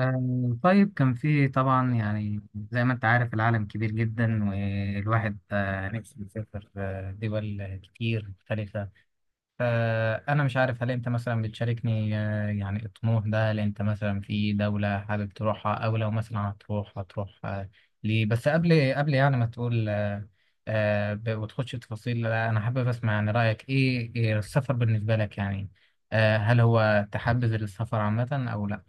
طيب كان في طبعا يعني زي ما انت عارف العالم كبير جدا والواحد نفسه يسافر دول كتير مختلفة. فأنا مش عارف هل انت مثلا بتشاركني يعني الطموح ده؟ هل انت مثلا في دولة حابب تروحها، أو لو مثلا هتروح هتروح، ليه؟ بس قبل يعني ما تقول وتخش تفاصيل، لا، أنا حابب أسمع يعني رأيك، إيه السفر بالنسبة لك يعني؟ هل هو تحبذ السفر عامة أو لا؟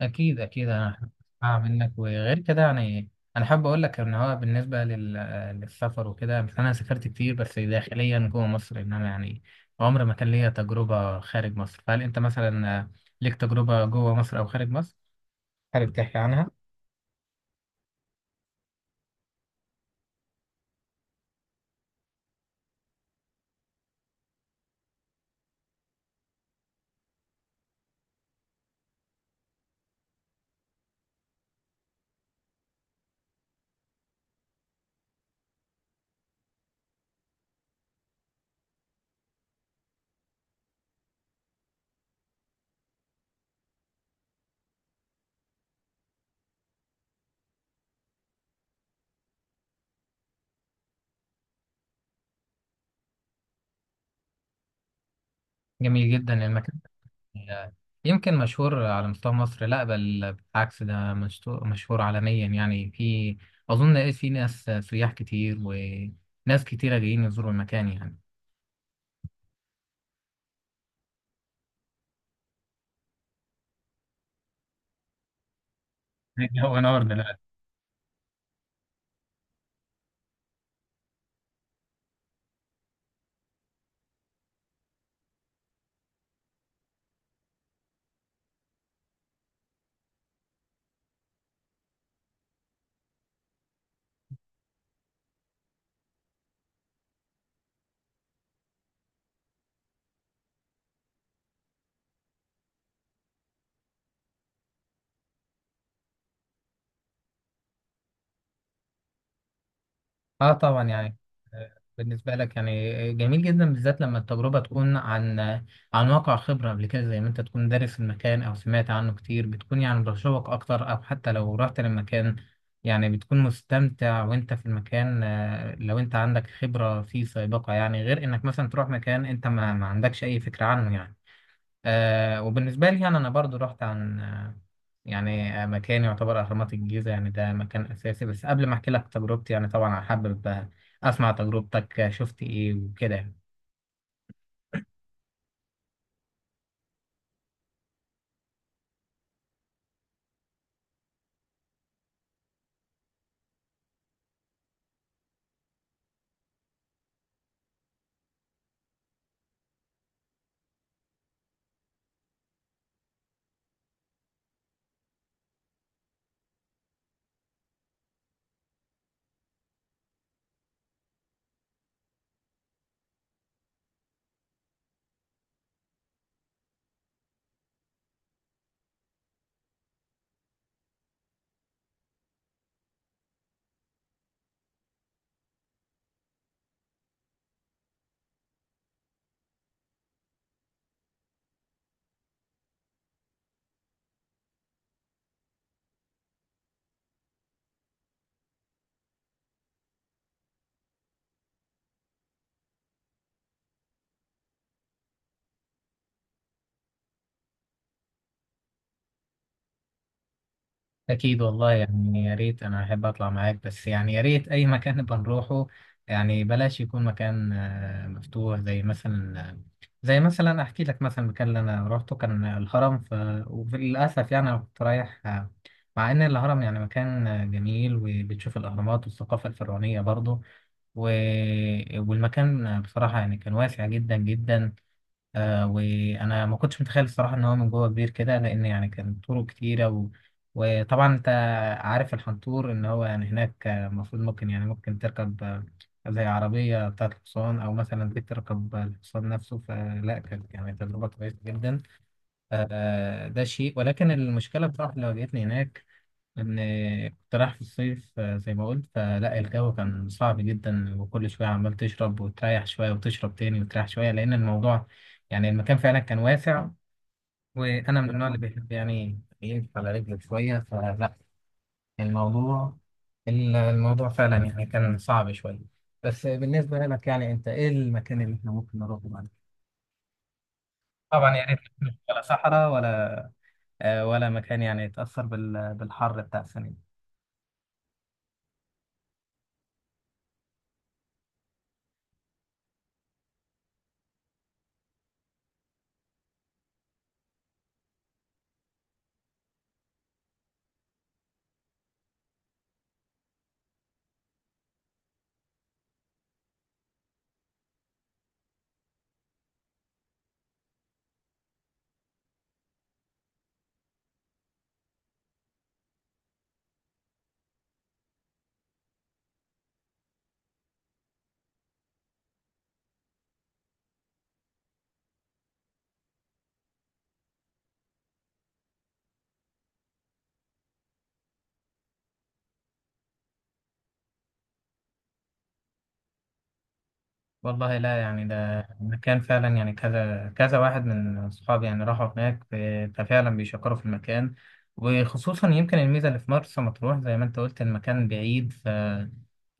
أكيد أكيد، أنا هسمع منك. وغير كده يعني أنا حابب أقول لك إن هو بالنسبة للسفر وكده. بس أنا سافرت كتير بس داخليا جوه مصر، إنما يعني عمر ما كان ليا تجربة خارج مصر. فهل أنت مثلا ليك تجربة جوه مصر أو خارج مصر حابب تحكي عنها؟ جميل جدا المكان ده، يمكن مشهور على مستوى مصر؟ لا، بل بالعكس، ده مشهور عالميا يعني. في أظن إيه، في ناس سياح كتير وناس كتيرة جايين يزوروا المكان يعني. هو نور دلوقتي. اه طبعا يعني بالنسبة لك يعني جميل جدا، بالذات لما التجربة تكون عن عن واقع خبرة قبل كده، زي ما انت تكون دارس المكان او سمعت عنه كتير، بتكون يعني بتشوق اكتر. او حتى لو رحت للمكان يعني بتكون مستمتع وانت في المكان لو انت عندك خبرة فيه سابقة يعني، غير انك مثلا تروح مكان انت ما عندكش اي فكرة عنه يعني. آه وبالنسبة لي يعني أنا برضو رحت عن آه يعني آه مكان يعتبر أهرامات الجيزة، يعني ده مكان أساسي. بس قبل ما أحكي لك تجربتي يعني طبعا أنا حابب أسمع تجربتك شفت إيه وكده يعني. أكيد والله يعني، يا ريت أنا أحب أطلع معاك، بس يعني يا ريت أي مكان نبقى نروحه. يعني بلاش يكون مكان مفتوح، زي مثلا زي مثلا أحكي لك. مثلا المكان اللي أنا روحته كان الهرم ف... وللأسف يعني أنا كنت رايح مع إن الهرم يعني مكان جميل، وبتشوف الأهرامات والثقافة الفرعونية برضه و... والمكان بصراحة يعني كان واسع جدا جدا. آه وانا ما كنتش متخيل الصراحه ان هو من جوه كبير كده، لان يعني كان طرق كتيره و... وطبعا انت عارف الحنطور، ان هو يعني هناك المفروض ممكن يعني ممكن تركب زي عربيه بتاعه الحصان، او مثلا بيك تركب الحصان نفسه، فلا كانت يعني تجربه كويسه جدا. آه ده شيء. ولكن المشكله بصراحه اللي واجهتني هناك ان كنت رايح في الصيف، زي ما قلت، فلا الجو كان صعب جدا. وكل شويه عمال تشرب وتريح شويه وتشرب تاني وتريح شويه، لان الموضوع يعني المكان فعلا كان واسع. وانا من النوع اللي بيحب يعني يقف على رجله شويه، فلا الموضوع الموضوع فعلا يعني كان صعب شويه. بس بالنسبه لك يعني انت ايه المكان اللي احنا ممكن نروحه بعد كده؟ طبعا يا ريت مش ولا صحراء ولا ولا مكان يعني يتاثر بالحر بتاع السنه دي. والله لا يعني ده مكان فعلا يعني كذا كذا واحد من أصحابي يعني راحوا هناك ففعلا بيشكروا في المكان. وخصوصا يمكن الميزة اللي في مرسى مطروح، زي ما أنت قلت، المكان بعيد ف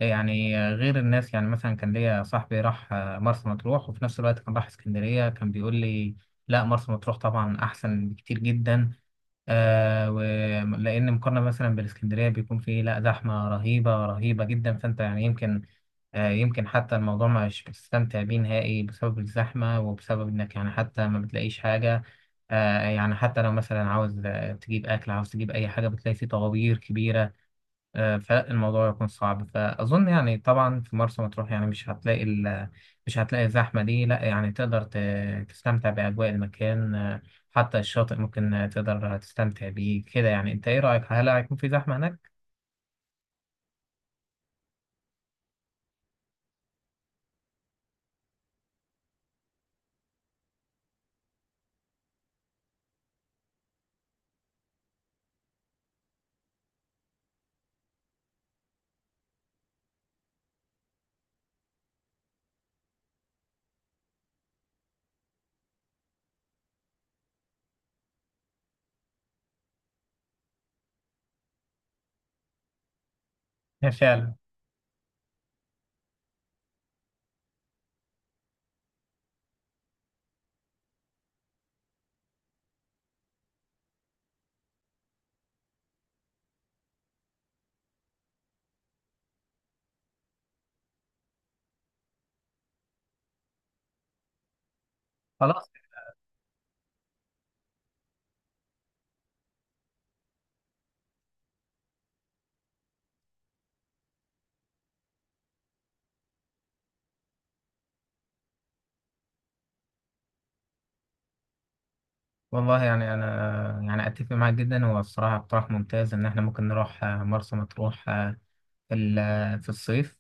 يعني غير الناس يعني. مثلا كان ليا صاحبي راح مرسى مطروح وفي نفس الوقت كان راح اسكندرية، كان بيقول لي لا مرسى مطروح طبعا أحسن بكتير جدا. آه، ولأن مقارنة مثلا بالإسكندرية بيكون فيه لا زحمة رهيبة رهيبة جدا، فأنت يعني يمكن آه يمكن حتى الموضوع مش بتستمتع بيه نهائي بسبب الزحمة، وبسبب إنك يعني حتى ما بتلاقيش حاجة. آه يعني حتى لو مثلا عاوز تجيب أكل، عاوز تجيب أي حاجة بتلاقي فيه طوابير كبيرة فالموضوع يكون صعب. فأظن يعني طبعا في مرسى مطروح يعني مش هتلاقي ال... مش هتلاقي الزحمة دي، لا يعني تقدر ت... تستمتع بأجواء المكان حتى الشاطئ ممكن تقدر تستمتع بيه كده يعني. أنت إيه رأيك، هل هيكون في زحمة هناك؟ هي فعلا. خلاص. والله يعني أنا يعني أتفق معاك جدا، هو الصراحة اقتراح ممتاز إن إحنا ممكن نروح مرسى مطروح في في الصيف،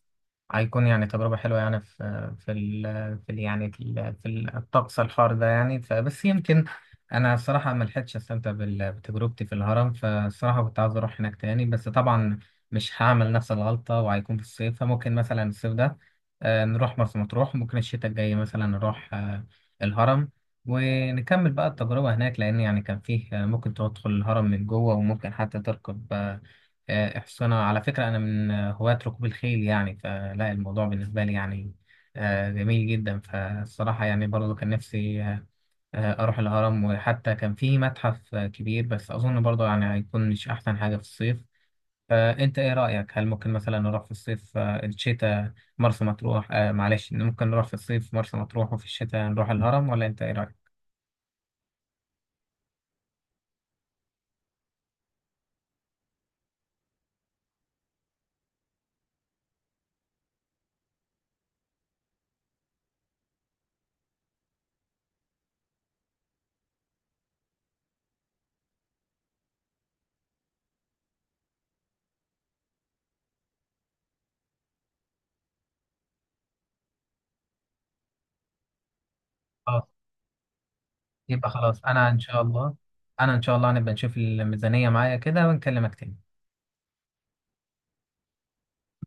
هيكون يعني تجربة حلوة يعني في في ال في ال يعني في, ال في ال- الطقس الحار ده يعني. فبس يمكن أنا الصراحة ما لحقتش أستمتع بتجربتي في الهرم، فالصراحة كنت عاوز أروح هناك تاني، بس طبعا مش هعمل نفس الغلطة وهيكون في الصيف. فممكن مثلا الصيف ده نروح مرسى مطروح، ممكن الشتاء الجاي مثلا نروح الهرم. ونكمل بقى التجربة هناك، لأن يعني كان فيه ممكن تدخل الهرم من جوه وممكن حتى تركب احسن. أنا على فكرة أنا من هواة ركوب الخيل يعني، فلا الموضوع بالنسبة لي يعني جميل جدا. فالصراحة يعني برضه كان نفسي أروح الهرم. وحتى كان في متحف كبير، بس أظن برضه يعني هيكون مش أحسن حاجة في الصيف. فأنت إيه رأيك، هل ممكن مثلا نروح في الصيف الشتاء مرسى مطروح؟ معلش ممكن نروح في الصيف مرسى مطروح وفي الشتاء نروح الهرم، ولا أنت إيه رأيك؟ خلاص. يبقى خلاص أنا إن شاء الله، أنا إن شاء الله هنبقى نشوف الميزانية معايا كده ونكلمك تاني.